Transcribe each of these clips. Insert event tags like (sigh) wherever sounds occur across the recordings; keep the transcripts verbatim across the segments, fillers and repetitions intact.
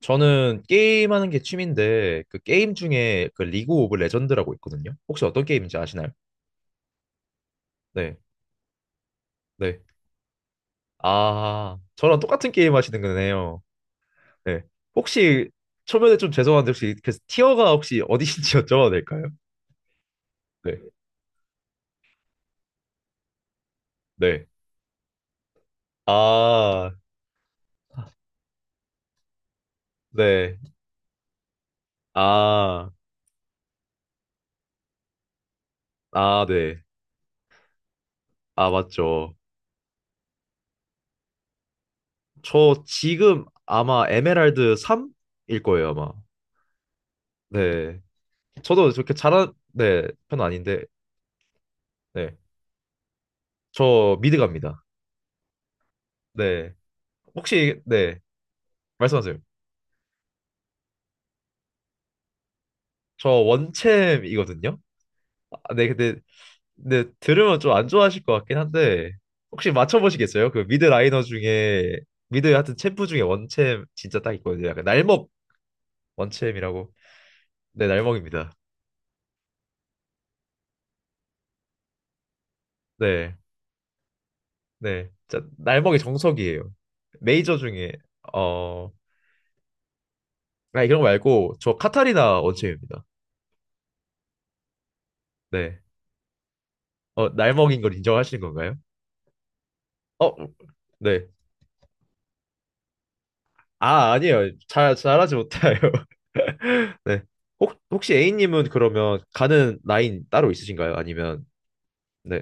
저는 게임하는 게 취미인데 그 게임 중에 그 리그 오브 레전드라고 있거든요. 혹시 어떤 게임인지 아시나요? 네, 네. 아, 저랑 똑같은 게임 하시는 거네요. 네. 혹시 초면에 좀 죄송한데 혹시 그 티어가 혹시 어디신지 (laughs) 여쭤봐도 될까요? 네, 네. 아, 네. 아, 아, 네. 아, 맞죠. 저 지금 아마 에메랄드 삼일 거예요, 아마. 네. 저도 그렇게 잘한 네, 편은 아닌데. 네. 저 미드 갑니다. 네. 혹시, 네. 말씀하세요. 저 원챔이거든요. 아, 네, 근데, 네, 들으면 좀 안 좋아하실 것 같긴 한데, 혹시 맞춰보시겠어요? 그 미드 라이너 중에, 미드 하여튼 챔프 중에 원챔 진짜 딱 있거든요. 약간 날먹 원챔이라고. 네, 날먹입니다. 네, 네. 진짜 날먹이 정석이에요. 메이저 중에, 어, 아, 이런 거 말고, 저 카타리나 원챔입니다. 네. 어, 날먹인 걸 인정하시는 건가요? 어, 네. 아, 아니에요. 잘, 잘하지 못해요. (laughs) 네. 혹, 혹시 A님은 그러면 가는 라인 따로 있으신가요? 아니면, 네.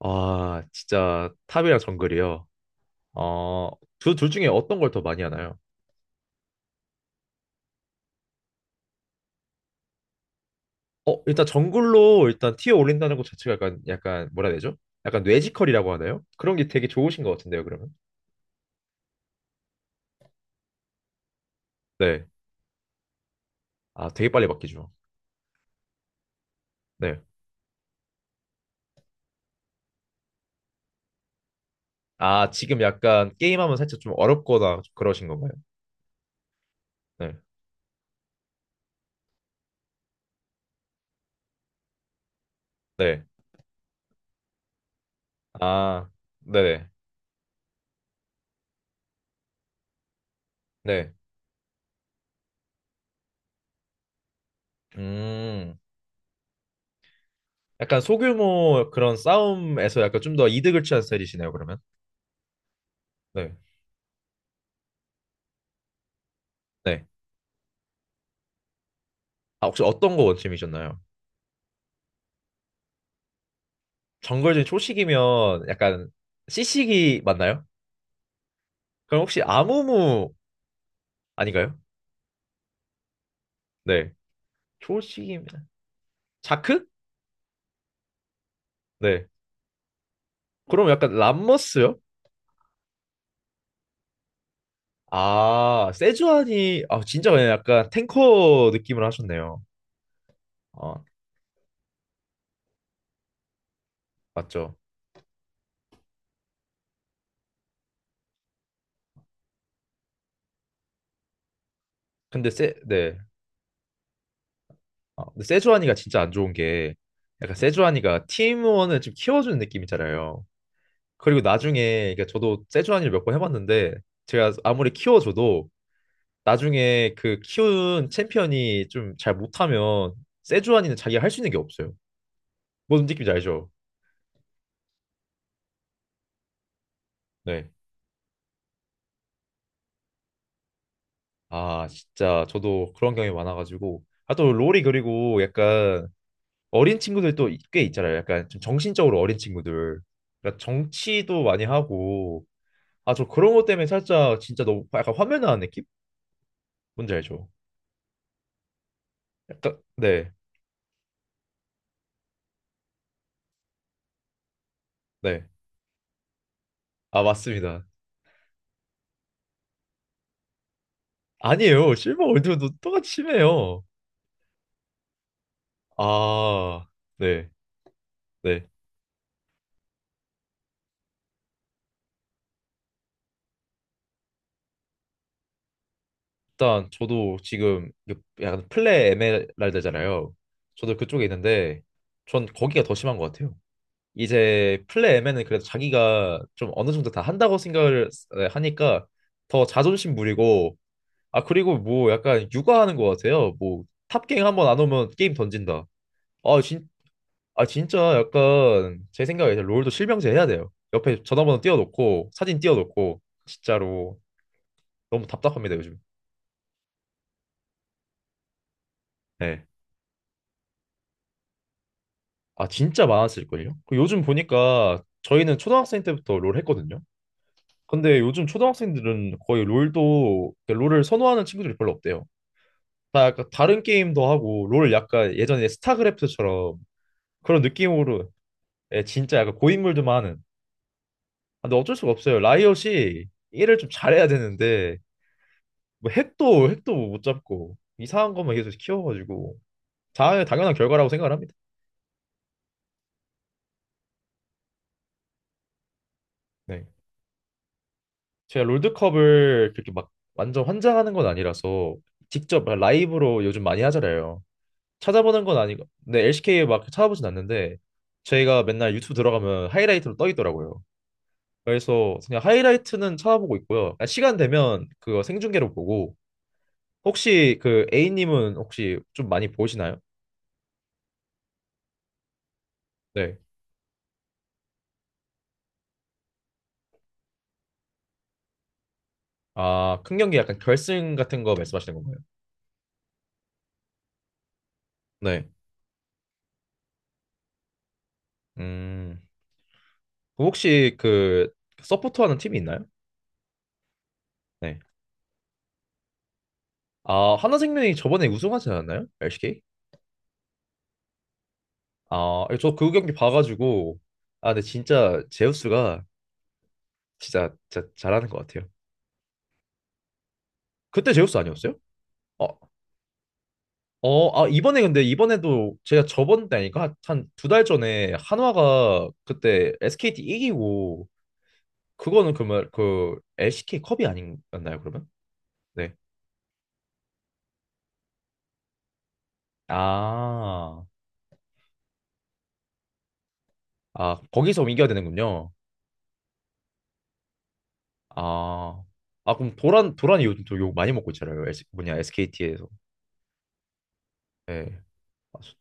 아, 진짜 탑이랑 정글이요. 어, 두, 둘 중에 어떤 걸 더 많이 하나요? 어, 일단 정글로 일단 티어 올린다는 것 자체가 약간, 약간, 뭐라 해야 되죠? 약간 뇌지컬이라고 하나요? 그런 게 되게 좋으신 것 같은데요, 그러면? 네. 아, 되게 빨리 바뀌죠. 네. 아, 지금 약간 게임하면 살짝 좀 어렵거나 그러신 건가요? 네. 네. 아, 네네. 네. 음. 약간 소규모 그런 싸움에서 약간 좀 더 이득을 취한 스타일이시네요, 그러면. 네. 네. 아, 혹시 어떤 거 원팀이셨나요? 정글진 초식이면 약간 씨씨기 맞나요? 그럼 혹시 아무무 아닌가요? 네. 초식이면 자크? 네. 그럼 약간 람머스요? 아, 세주안이 아 진짜 그냥 약간 탱커 느낌을 하셨네요. 아, 맞죠. 근데 세 네. 아, 근데 세주안이가 진짜 안 좋은 게 약간 세주안이가 팀원을 좀 키워주는 느낌이잖아요. 그리고 나중에 그러니까 저도 세주환이를 몇 번 해봤는데 제가 아무리 키워줘도 나중에 그 키운 챔피언이 좀 잘 못하면 세주환이는 자기가 할 수 있는 게 없어요. 뭔 느낌인지 알죠? 네. 아 진짜 저도 그런 경험이 많아가지고 아 또 롤이 그리고 약간 어린 친구들 또 꽤 있잖아요. 약간 좀 정신적으로 어린 친구들. 그러니까 정치도 많이 하고 아 저 그런 것 때문에 살짝 진짜 너무 약간 화면 나는 느낌? 뭔지 알죠? 약간 네 네. 아 맞습니다. 아니에요. 실버 월드도 똑같이 심해요. 아, 네, 네. 일단 저도 지금 요- 약간 플레 에메랄드잖아요. 저도 그쪽에 있는데 전 거기가 더 심한 것 같아요. 이제 플레 에메는 그래도 자기가 좀 어느 정도 다 한다고 생각을 네, 하니까 더 자존심 부리고 아 그리고 뭐 약간 육아하는 것 같아요. 뭐 탑갱 한번 안 오면 게임 던진다. 아 아 진짜 약간 제 생각에 이제 롤도 실명제 해야 돼요. 옆에 전화번호 띄워놓고 사진 띄워놓고 진짜로 너무 답답합니다 요즘. 네. 아 진짜 많았을걸요? 그 요즘 보니까 저희는 초등학생 때부터 롤 했거든요. 근데 요즘 초등학생들은 거의 롤도 그 롤을 선호하는 친구들이 별로 없대요. 다 약간 다른 게임도 하고 롤 약간 예전에 스타크래프트처럼 그런 느낌으로 예, 진짜 약간 고인물들만 하는. 아, 근데 어쩔 수가 없어요. 라이엇이 일을 좀 잘해야 되는데 뭐 핵도 핵도 뭐 못 잡고 이상한 것만 계속 키워가지고 다 당연한 결과라고 생각을 합니다. 네. 제가 롤드컵을 그렇게 막 완전 환장하는 건 아니라서 직접 라이브로 요즘 많이 하잖아요. 찾아보는 건 아니고 네, 엘씨케이 막 찾아보진 않는데 저희가 맨날 유튜브 들어가면 하이라이트로 떠 있더라고요. 그래서 그냥 하이라이트는 찾아보고 있고요. 그냥 시간 되면 그거 생중계로 보고 혹시 그 A님은 혹시 좀 많이 보시나요? 네. 아, 큰 경기 약간 결승 같은 거 말씀하시는 건가요? 네. 음, 그럼 혹시 그 서포터하는 팀이 있나요? 네. 아, 하나생명이 저번에 우승하지 않았나요? 엘씨케이? 아, 예, 저그 경기 봐가지고 아, 근데 진짜 제우스가 진짜, 진짜 잘하는 것 같아요. 그때 제우스 아니었어요? 어, 어, 아 이번에 근데 이번에도 제가 저번 때 아니까 한 두 달 전에 한화가 그때 에스케이티 이기고 그거는 그러면 그 엘씨케이 컵이 아닌가요 그러면? 네. 아, 아 거기서 이겨야 되는군요. 아, 아 그럼 도란 도란이 요즘 또 욕 많이 먹고 있잖아요. S, 뭐냐 에스케이티에서. 예. 아, 수-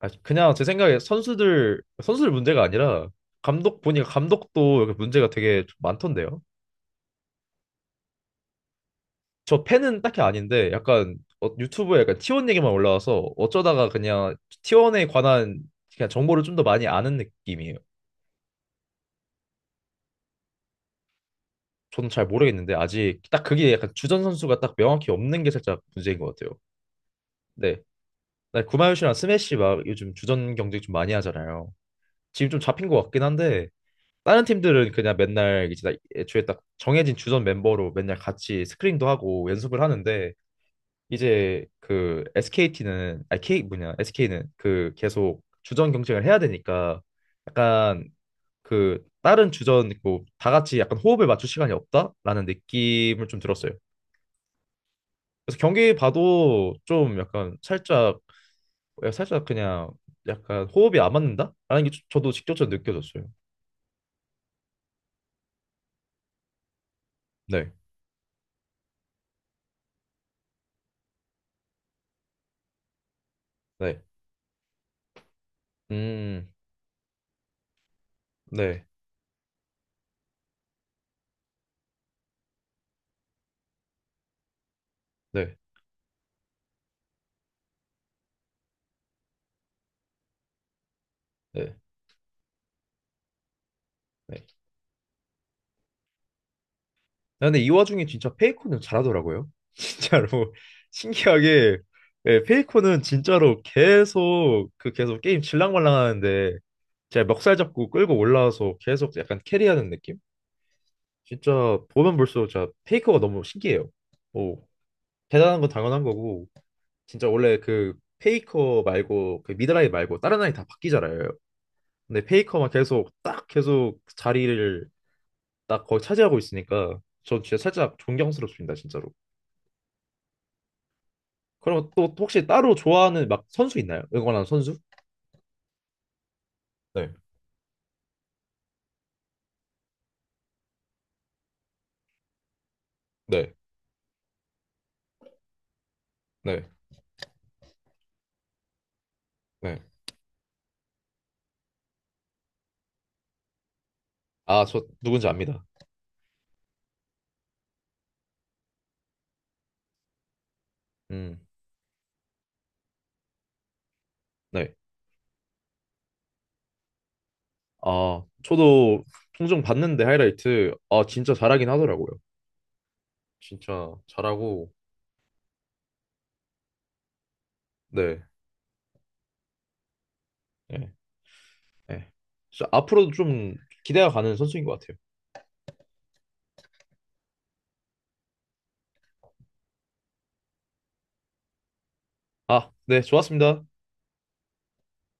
아, 그냥 제 생각에 선수들 선수들 문제가 아니라 감독 보니까 감독도 이렇게 문제가 되게 좀 많던데요. 저 팬은 딱히 아닌데 약간 어, 유튜브에 약간 티원 얘기만 올라와서 어쩌다가 그냥 티원에 관한 그냥 정보를 좀 더 많이 아는 느낌이에요. 저는 잘 모르겠는데 아직 딱 그게 약간 주전 선수가 딱 명확히 없는 게 살짝 문제인 것 같아요. 네. 나 구마유시랑 스매시 막 요즘 주전 경쟁 좀 많이 하잖아요. 지금 좀 잡힌 것 같긴 한데 다른 팀들은 그냥 맨날 이제 다 애초에 딱 정해진 주전 멤버로 맨날 같이 스크린도 하고 연습을 하는데 이제 그 에스케이티는 아 K 뭐냐 에스케이는 그 계속 주전 경쟁을 해야 되니까 약간 그 다른 주전 뭐 다 같이 약간 호흡을 맞출 시간이 없다라는 느낌을 좀 들었어요. 그래서 경기 봐도 좀 약간 살짝 살짝 그냥 약간 호흡이 안 맞는다라는 게 저- 저도 직접적으로 느껴졌어요. 네, 네. 음, 네, 네, 네, 네. 아, 근데 이 와중에 진짜 페이커는 잘하더라고요. (laughs) 진짜로 (laughs) 신기하게 예, 페이커는 진짜로 계속 그 계속 게임 질랑말랑하는데 제가 멱살 잡고 끌고 올라와서 계속 약간 캐리하는 느낌? 진짜 보면 볼수록 진짜 페이커가 너무 신기해요. 뭐 대단한 건 당연한 거고 진짜 원래 그 페이커 말고 그 미드라인 말고 다른 아이 다 바뀌잖아요. 근데 페이커만 계속 딱 계속 자리를 나 거의 차지하고 있으니까 저 진짜 살짝 존경스럽습니다, 진짜로. 그럼 또 혹시 따로 좋아하는 막 선수 있나요? 응원하는 선수? 네, 네, 네, 네. 아, 저 누군지 압니다. 음, 네. 아, 저도 종종 봤는데 하이라이트, 아, 진짜 잘하긴 하더라고요. 진짜 잘하고, 네, 네, 네. 진짜 앞으로도 좀 기대가 가는 선수인 것 같아요. 아, 네, 좋았습니다.